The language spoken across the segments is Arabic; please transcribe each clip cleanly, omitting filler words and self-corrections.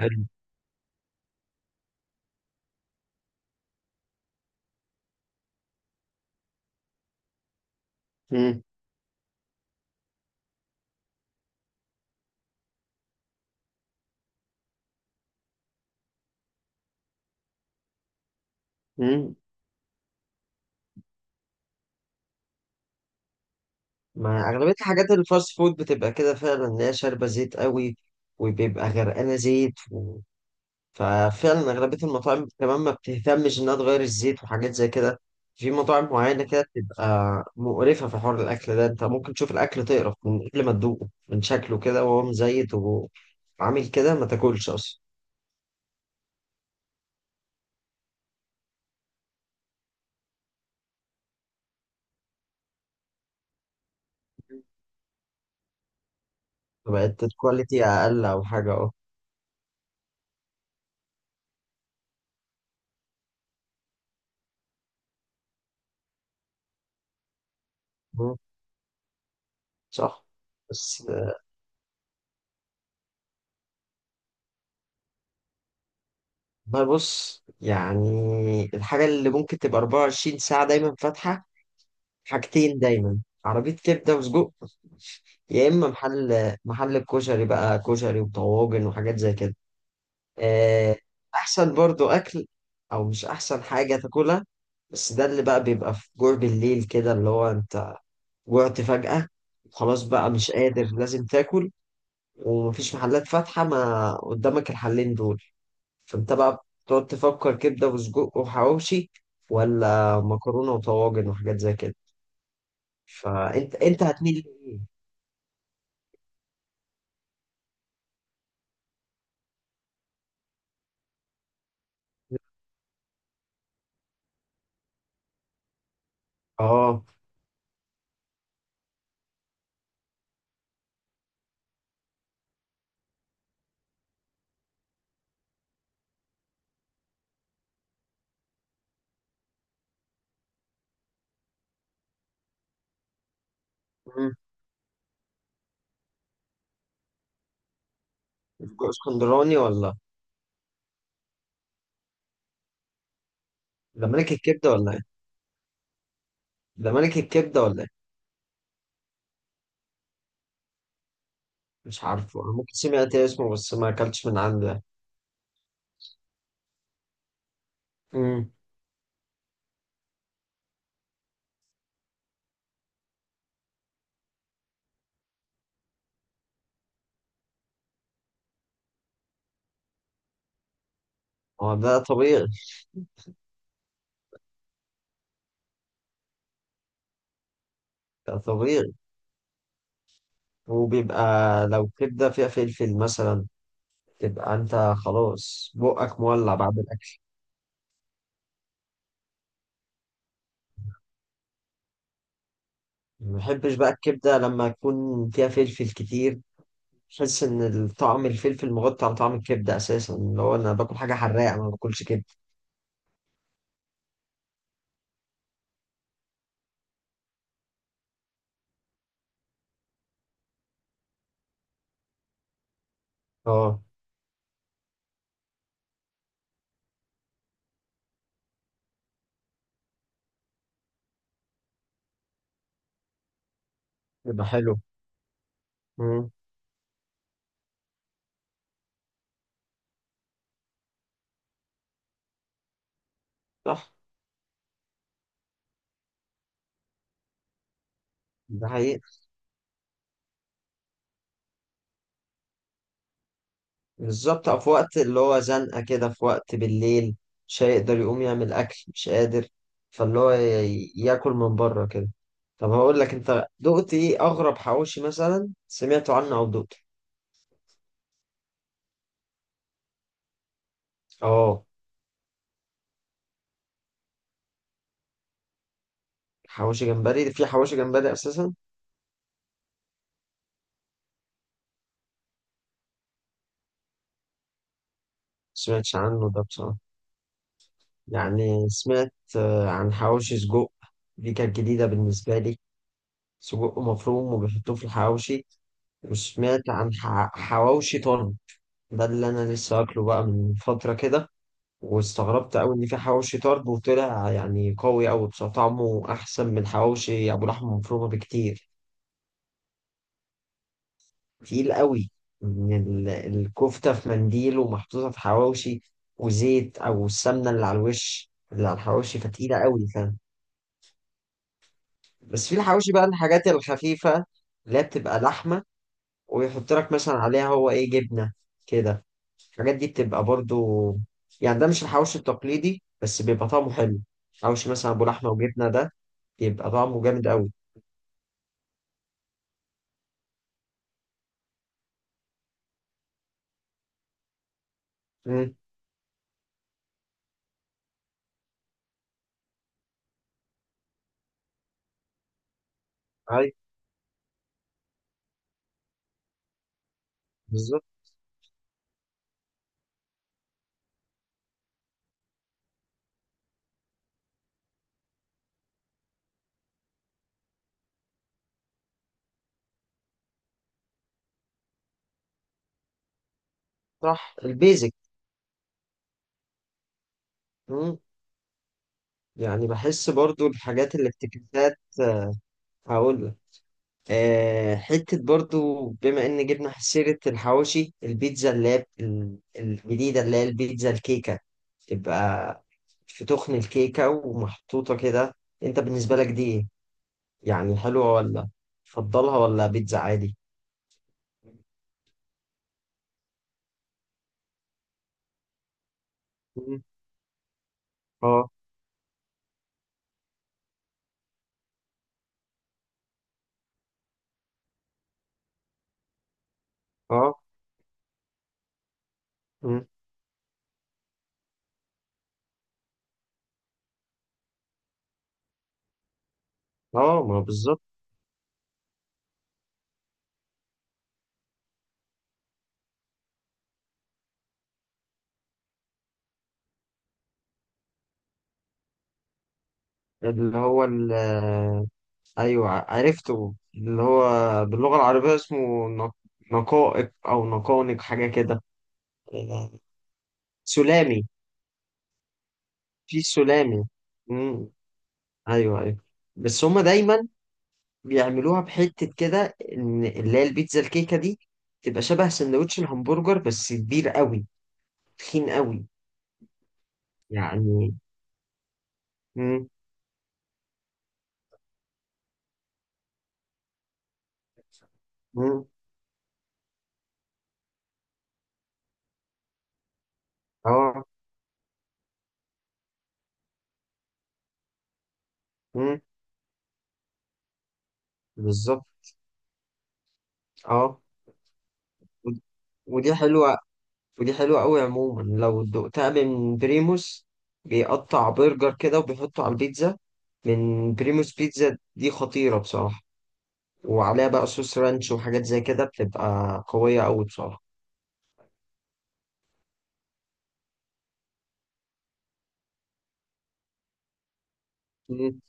حلو. مم. مم. ما أغلبية الحاجات الفاست فود بتبقى كده فعلا اللي هي شاربة زيت قوي، وبيبقى غرقانة زيت و ففعلا أغلبية المطاعم كمان ما بتهتمش إنها تغير الزيت وحاجات زي كده. في مطاعم معينة كده بتبقى مقرفة. في حوار الأكل ده أنت ممكن تشوف الأكل تقرف من قبل ما تدوقه، من شكله كده وهو مزيت وعامل كده ما تاكلش أصلا. بقت الكواليتي أقل أو حاجة، أه. مم. صح. بس والله بص يعني الحاجة اللي ممكن تبقى 24 ساعة دايما فاتحة، حاجتين دايما: عربية كبدة وسجق، يا إما محل الكشري بقى، كشري وطواجن وحاجات زي كده. آه، أحسن برضو أكل، أو مش أحسن حاجة تاكلها، بس ده اللي بقى بيبقى في جوع بالليل كده، اللي هو أنت جوعت فجأة، خلاص بقى مش قادر لازم تاكل، ومفيش محلات فاتحة ما قدامك الحلين دول. فانت بقى بتقعد تفكر كبده وسجق وحواوشي، ولا مكرونه وطواجن وحاجات زي كده. فانت هتميل لايه؟ اه. مم. سجق اسكندراني ولا؟ ده ملك الكبده ولا ايه؟ ده ملك الكبده ولا ايه؟ مش عارفه، انا ممكن سمعت إيه اسمه بس ما اكلتش من عنده يعني. امم. هو ده طبيعي. ده طبيعي، وبيبقى لو كبده فيها فلفل مثلا، تبقى انت خلاص بقك مولع بعد الاكل. ما بحبش بقى الكبده لما يكون فيها فلفل كتير، بحس ان الطعم الفلفل مغطي على طعم الكبده اساسا، اللي هو انا باكل حاجه حراقه ما باكلش كبده. اه. بيبقى حلو. مم. صح. ده حقيقي. بالظبط، أو في وقت اللي هو زنقه كده، في وقت بالليل مش هيقدر يقوم يعمل اكل، مش قادر، فاللي هو ياكل من بره كده. طب هقول لك، انت دقت ايه اغرب حواوشي مثلا سمعته عنه او دقته؟ اه. حواوشي جمبري؟ في حواوشي جمبري اساسا، ما سمعتش عنه ده بصراحه. يعني سمعت عن حواوشي سجق، دي كانت جديدة بالنسبة لي، سجق مفروم وبيحطوه في الحواوشي. وسمعت عن حواوشي طرب، ده اللي أنا لسه أكله بقى من فترة كده، واستغربت أوي إن في حواوشي طرب، وطلع يعني قوي أوي بصراحة، طعمه أحسن من حواوشي أبو لحمة مفرومة بكتير. تقيل أوي، إن الكفتة في منديل ومحطوطة في حواوشي، وزيت أو السمنة اللي على الوش اللي على الحواوشي، فتقيلة أوي. بس في الحواوشي بقى الحاجات الخفيفة اللي هي بتبقى لحمة، ويحط لك مثلا عليها هو ايه، جبنة كده. الحاجات دي بتبقى برضو، يعني ده مش الحواوشي التقليدي بس بيبقى طعمه حلو. حواوشي مثلا ابو لحمة وجبنة ده، بيبقى طعمه جامد قوي. امم. ايوه. بالظبط. صح، البيزك. امم. يعني بحس برضو الحاجات اللي افتكاسات، هقول حتة برضو، بما إن جبنا سيرة الحواوشي، البيتزا اللي هي الجديدة، اللي هي البيتزا الكيكة، تبقى في تخن الكيكة ومحطوطة كده. أنت بالنسبة لك دي إيه؟ يعني حلوة، ولا تفضلها، ولا بيتزا عادي؟ مم. اه. اه. مم. اه، ما هو بالظبط. اللي هو ال آه، أيوه عرفته، اللي هو باللغة العربية اسمه نقائق أو نقانق حاجة كده. آه، سلامي. في سلامة. امم. ايوه ايوه. بس هما دايما بيعملوها بحتة كده، ان اللي هي البيتزا الكيكة دي تبقى شبه سندوتش الهمبرجر بس كبير قوي، تخين قوي. يعني. امم. امم. اه. امم. بالظبط. اه. ود- ودي حلوة. ودي حلوة قوي عموما، لو دقتها من بريموس، بيقطع برجر كده وبيحطه على البيتزا. من بريموس، بيتزا دي خطيرة بصراحة، وعليها بقى صوص رانش وحاجات زي كده، بتبقى قوية أوي بصراحة. مم.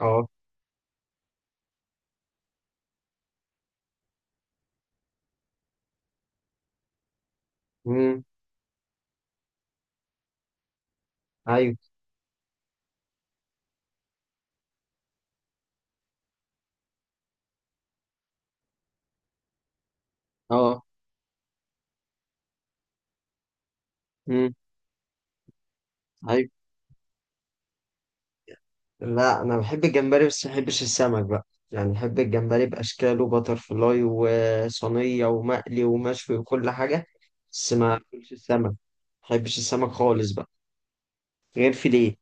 اه. مم. أيوه. اه. مم. أيوه، لا أنا بحب الجمبري بس ما بحبش السمك بقى، يعني بحب الجمبري بأشكاله، باتر فلاي وصينية ومقلي ومشوي وكل حاجة، بس ما بحبش السمك، ما بحبش السمك خالص بقى، غير فيليه.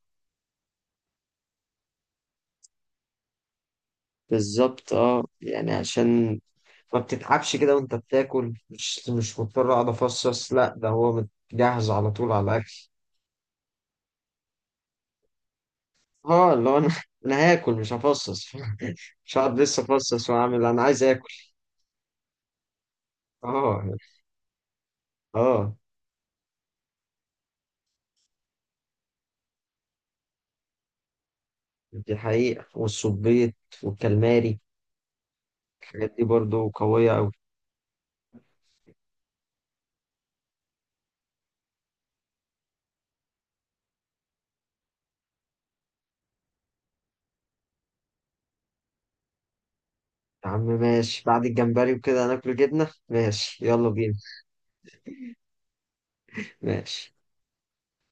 بالظبط، اه، يعني عشان ما بتتعبش كده وانت بتاكل، مش مضطر اقعد افصص، لا ده هو جاهز على طول على الاكل. اه، اللي هو انا، انا هاكل مش هفصص، مش هقعد لسه افصص واعمل، انا عايز اكل. اه. اه. دي حقيقة، والسبيط والكالماري، الحاجات دي برضو قوية أوي. يا عم ماشي، بعد الجمبري وكده هناكل جبنة، ماشي، يلا بينا. ماشي.